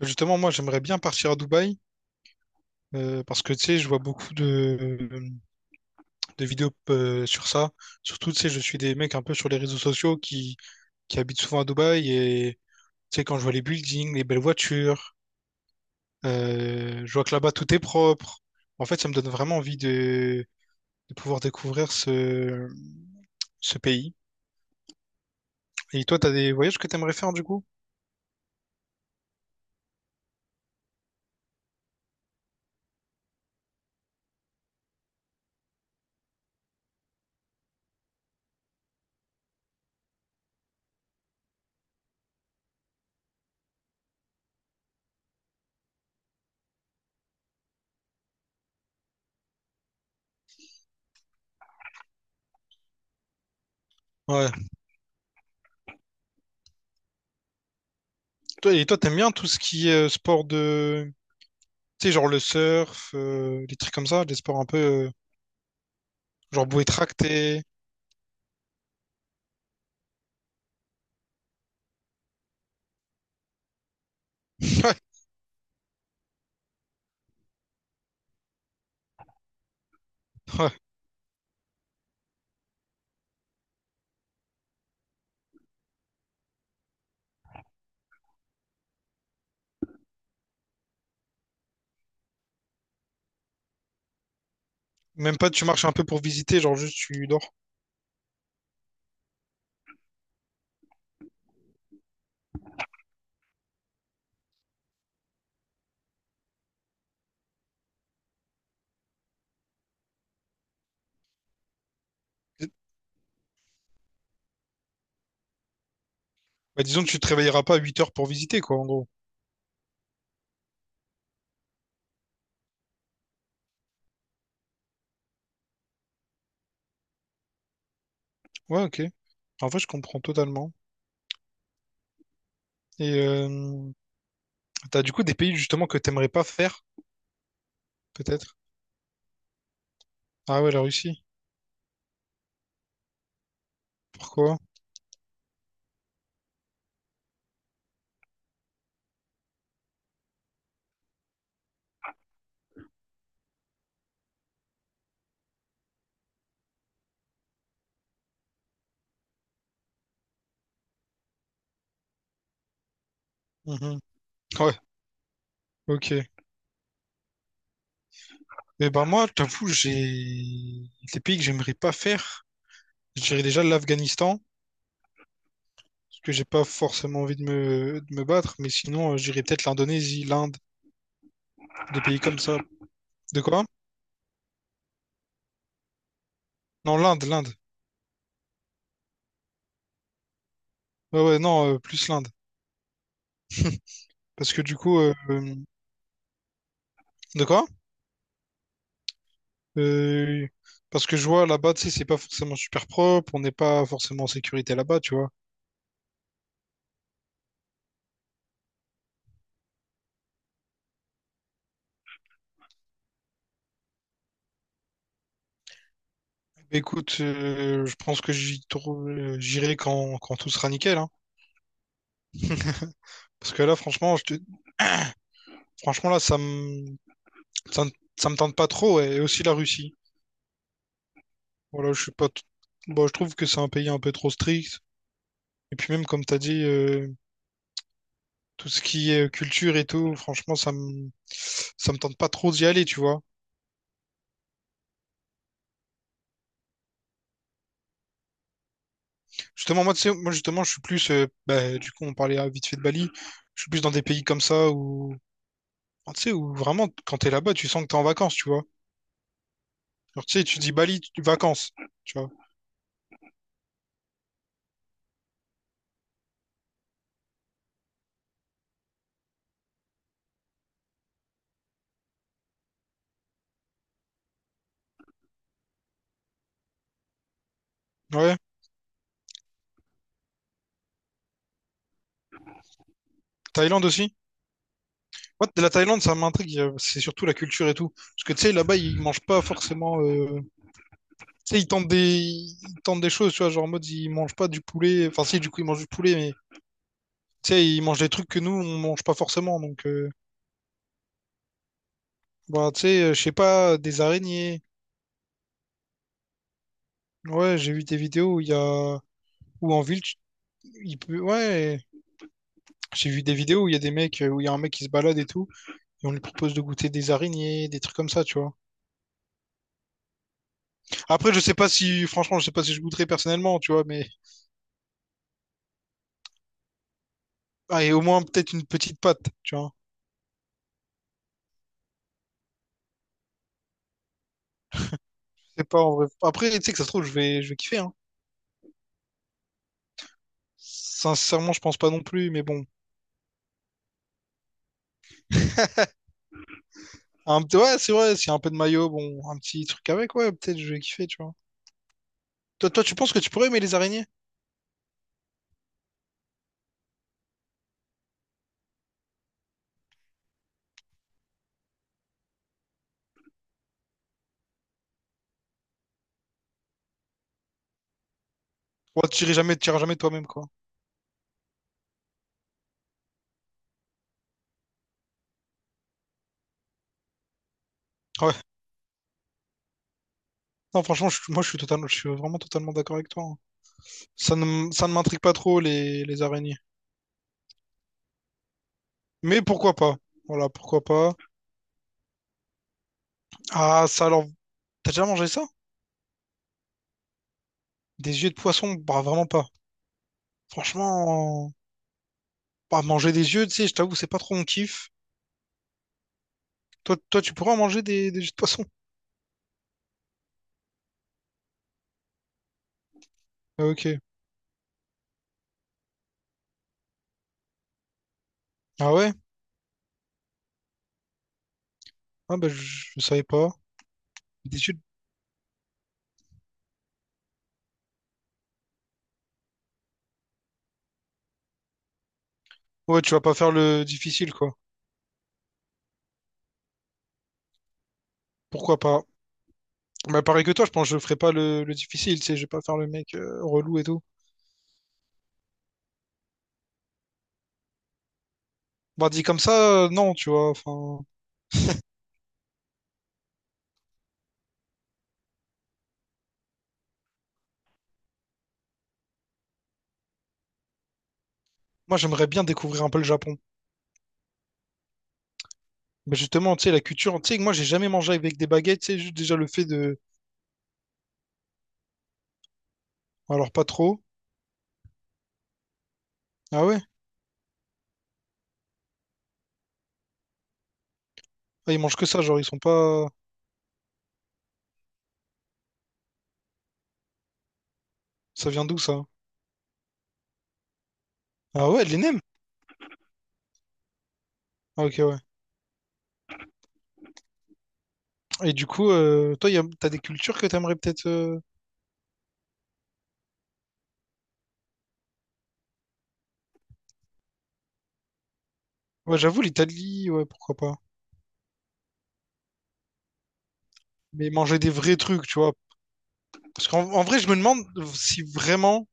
Justement, moi, j'aimerais bien partir à Dubaï parce que, tu sais, je vois beaucoup de vidéos sur ça. Surtout, tu sais, je suis des mecs un peu sur les réseaux sociaux qui habitent souvent à Dubaï et, tu sais, quand je vois les buildings, les belles voitures, je vois que là-bas, tout est propre. En fait, ça me donne vraiment envie de pouvoir découvrir ce pays. Et toi, t'as des voyages que t'aimerais faire, du coup? Ouais. Et toi, t'aimes bien tout ce qui est sport de. Tu sais, genre le surf, les trucs comme ça, des sports un peu, genre bouée tractée. Ouais, ouais. Même pas, tu marches un peu pour visiter, genre juste tu dors. Bah, disons que tu te réveilleras pas à 8 heures pour visiter, quoi, en gros. Ouais, ok. En vrai, je comprends totalement. Et t'as du coup des pays justement que t'aimerais pas faire, peut-être? Ah ouais, la Russie. Pourquoi? Mhm. Ouais, ok. Et ben moi, je t'avoue, j'ai des pays que j'aimerais pas faire. Je dirais déjà l'Afghanistan. Parce que j'ai pas forcément envie de me battre, mais sinon, j'irais peut-être l'Indonésie, l'Inde, des pays comme ça. De quoi? Non, l'Inde, l'Inde. Ouais, ouais, non, plus l'Inde. Parce que du coup, de quoi? Euh, parce que je vois là-bas, tu sais, c'est pas forcément super propre, on n'est pas forcément en sécurité là-bas, tu vois. Écoute, je pense que j'irai quand tout sera nickel, hein. Parce que là, franchement, là, ça, me ça me tente pas trop, ouais. Et aussi la Russie. Voilà, je suis pas. Bon, je trouve que c'est un pays un peu trop strict. Et puis même, comme t'as dit, tout ce qui est culture et tout, franchement, ça me tente pas trop d'y aller, tu vois. Justement, moi, tu sais, moi, justement, je suis plus, bah, du coup, on parlait vite fait de Bali, je suis plus dans des pays comme ça où, ah, tu sais, où vraiment, quand t'es là-bas, tu sens que t'es en vacances, tu vois. Genre, tu sais, tu dis Bali, vacances, tu vois. Ouais. Thaïlande aussi? Ouais, la Thaïlande, ça m'intrigue. C'est surtout la culture et tout. Parce que tu sais, là-bas, ils mangent pas forcément. Tu sais, ils tentent des choses, tu vois. Genre en mode, ils mangent pas du poulet. Enfin, si, du coup, ils mangent du poulet, mais tu sais, ils mangent des trucs que nous, on mange pas forcément. Donc, bah, tu sais, je sais pas, des araignées. Ouais, j'ai vu des vidéos où il y a. Ou en ville, il peut. Ouais. J'ai vu des vidéos où il y a des mecs, où il y a un mec qui se balade et tout, et on lui propose de goûter des araignées, des trucs comme ça, tu vois. Après, je sais pas si, franchement, je sais pas si je goûterais personnellement, tu vois, mais ah, et au moins peut-être une petite patte, tu vois. Je sais pas en vrai. Après, tu sais que ça se trouve, je vais kiffer, hein. Sincèrement, je pense pas non plus, mais bon. Ouais, c'est vrai, s'il y a un peu de maillot, bon, un petit truc avec, ouais, peut-être je vais kiffer, tu vois. Toi, toi, tu penses que tu pourrais aimer les araignées? Ouais, tu irais jamais, tu iras jamais toi-même, quoi. Ouais. Non, franchement, je, moi, je suis totalement, je suis vraiment totalement d'accord avec toi, hein. Ça ne m'intrigue pas trop, les araignées. Mais pourquoi pas? Voilà, pourquoi pas. Ah, ça, alors, t'as déjà mangé ça? Des yeux de poisson? Bah, vraiment pas. Franchement. Pas manger des yeux, tu sais, je t'avoue, c'est pas trop mon kiff. Toi, toi, tu pourrais en manger des yeux de poisson? Ah, ok. Ah ouais? Ah bah, je savais pas. Des yeux de- Ouais, tu vas pas faire le difficile, quoi. Pourquoi pas? Bah, pareil que toi, je pense que je ferai pas le difficile, tu sais, je vais pas faire le mec relou et tout. Bah, dit comme ça, non, tu vois, enfin. Moi, j'aimerais bien découvrir un peu le Japon. Mais justement, tu sais, la culture, tu sais, moi, j'ai jamais mangé avec des baguettes, tu sais, juste déjà le fait de. Alors, pas trop. Ah ouais? Ah, ils mangent que ça, genre, ils sont pas. Ça vient d'où, ça? Ah ouais, de l'ENEM? Ah, ok, ouais. Et du coup, toi, t'as des cultures que t'aimerais peut-être. Ouais, j'avoue, l'Italie, ouais, pourquoi pas. Mais manger des vrais trucs, tu vois. Parce qu'en en vrai, je me demande si vraiment.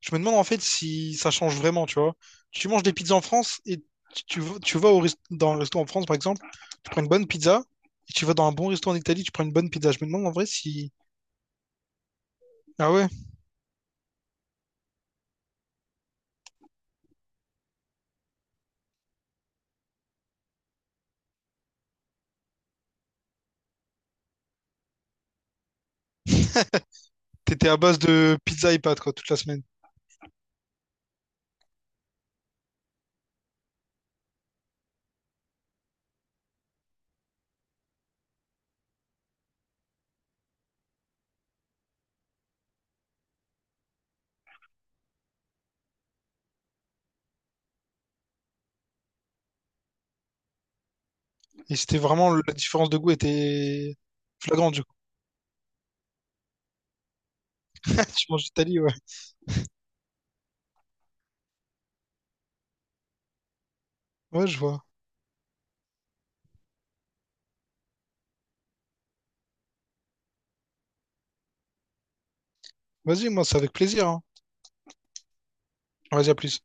Je me demande en fait si ça change vraiment, tu vois. Tu manges des pizzas en France et tu vas dans un resto en France, par exemple, tu prends une bonne pizza. Et tu vas dans un bon resto en Italie, tu prends une bonne pizza. Je me demande en vrai si. Ah ouais, t'étais à base de pizza et pâtes, quoi, toute la semaine. Et c'était vraiment. La différence de goût était flagrante, du coup. Tu manges d'Italie, ouais. Ouais, je vois. Vas-y, moi, c'est avec plaisir, hein. Vas-y, à plus.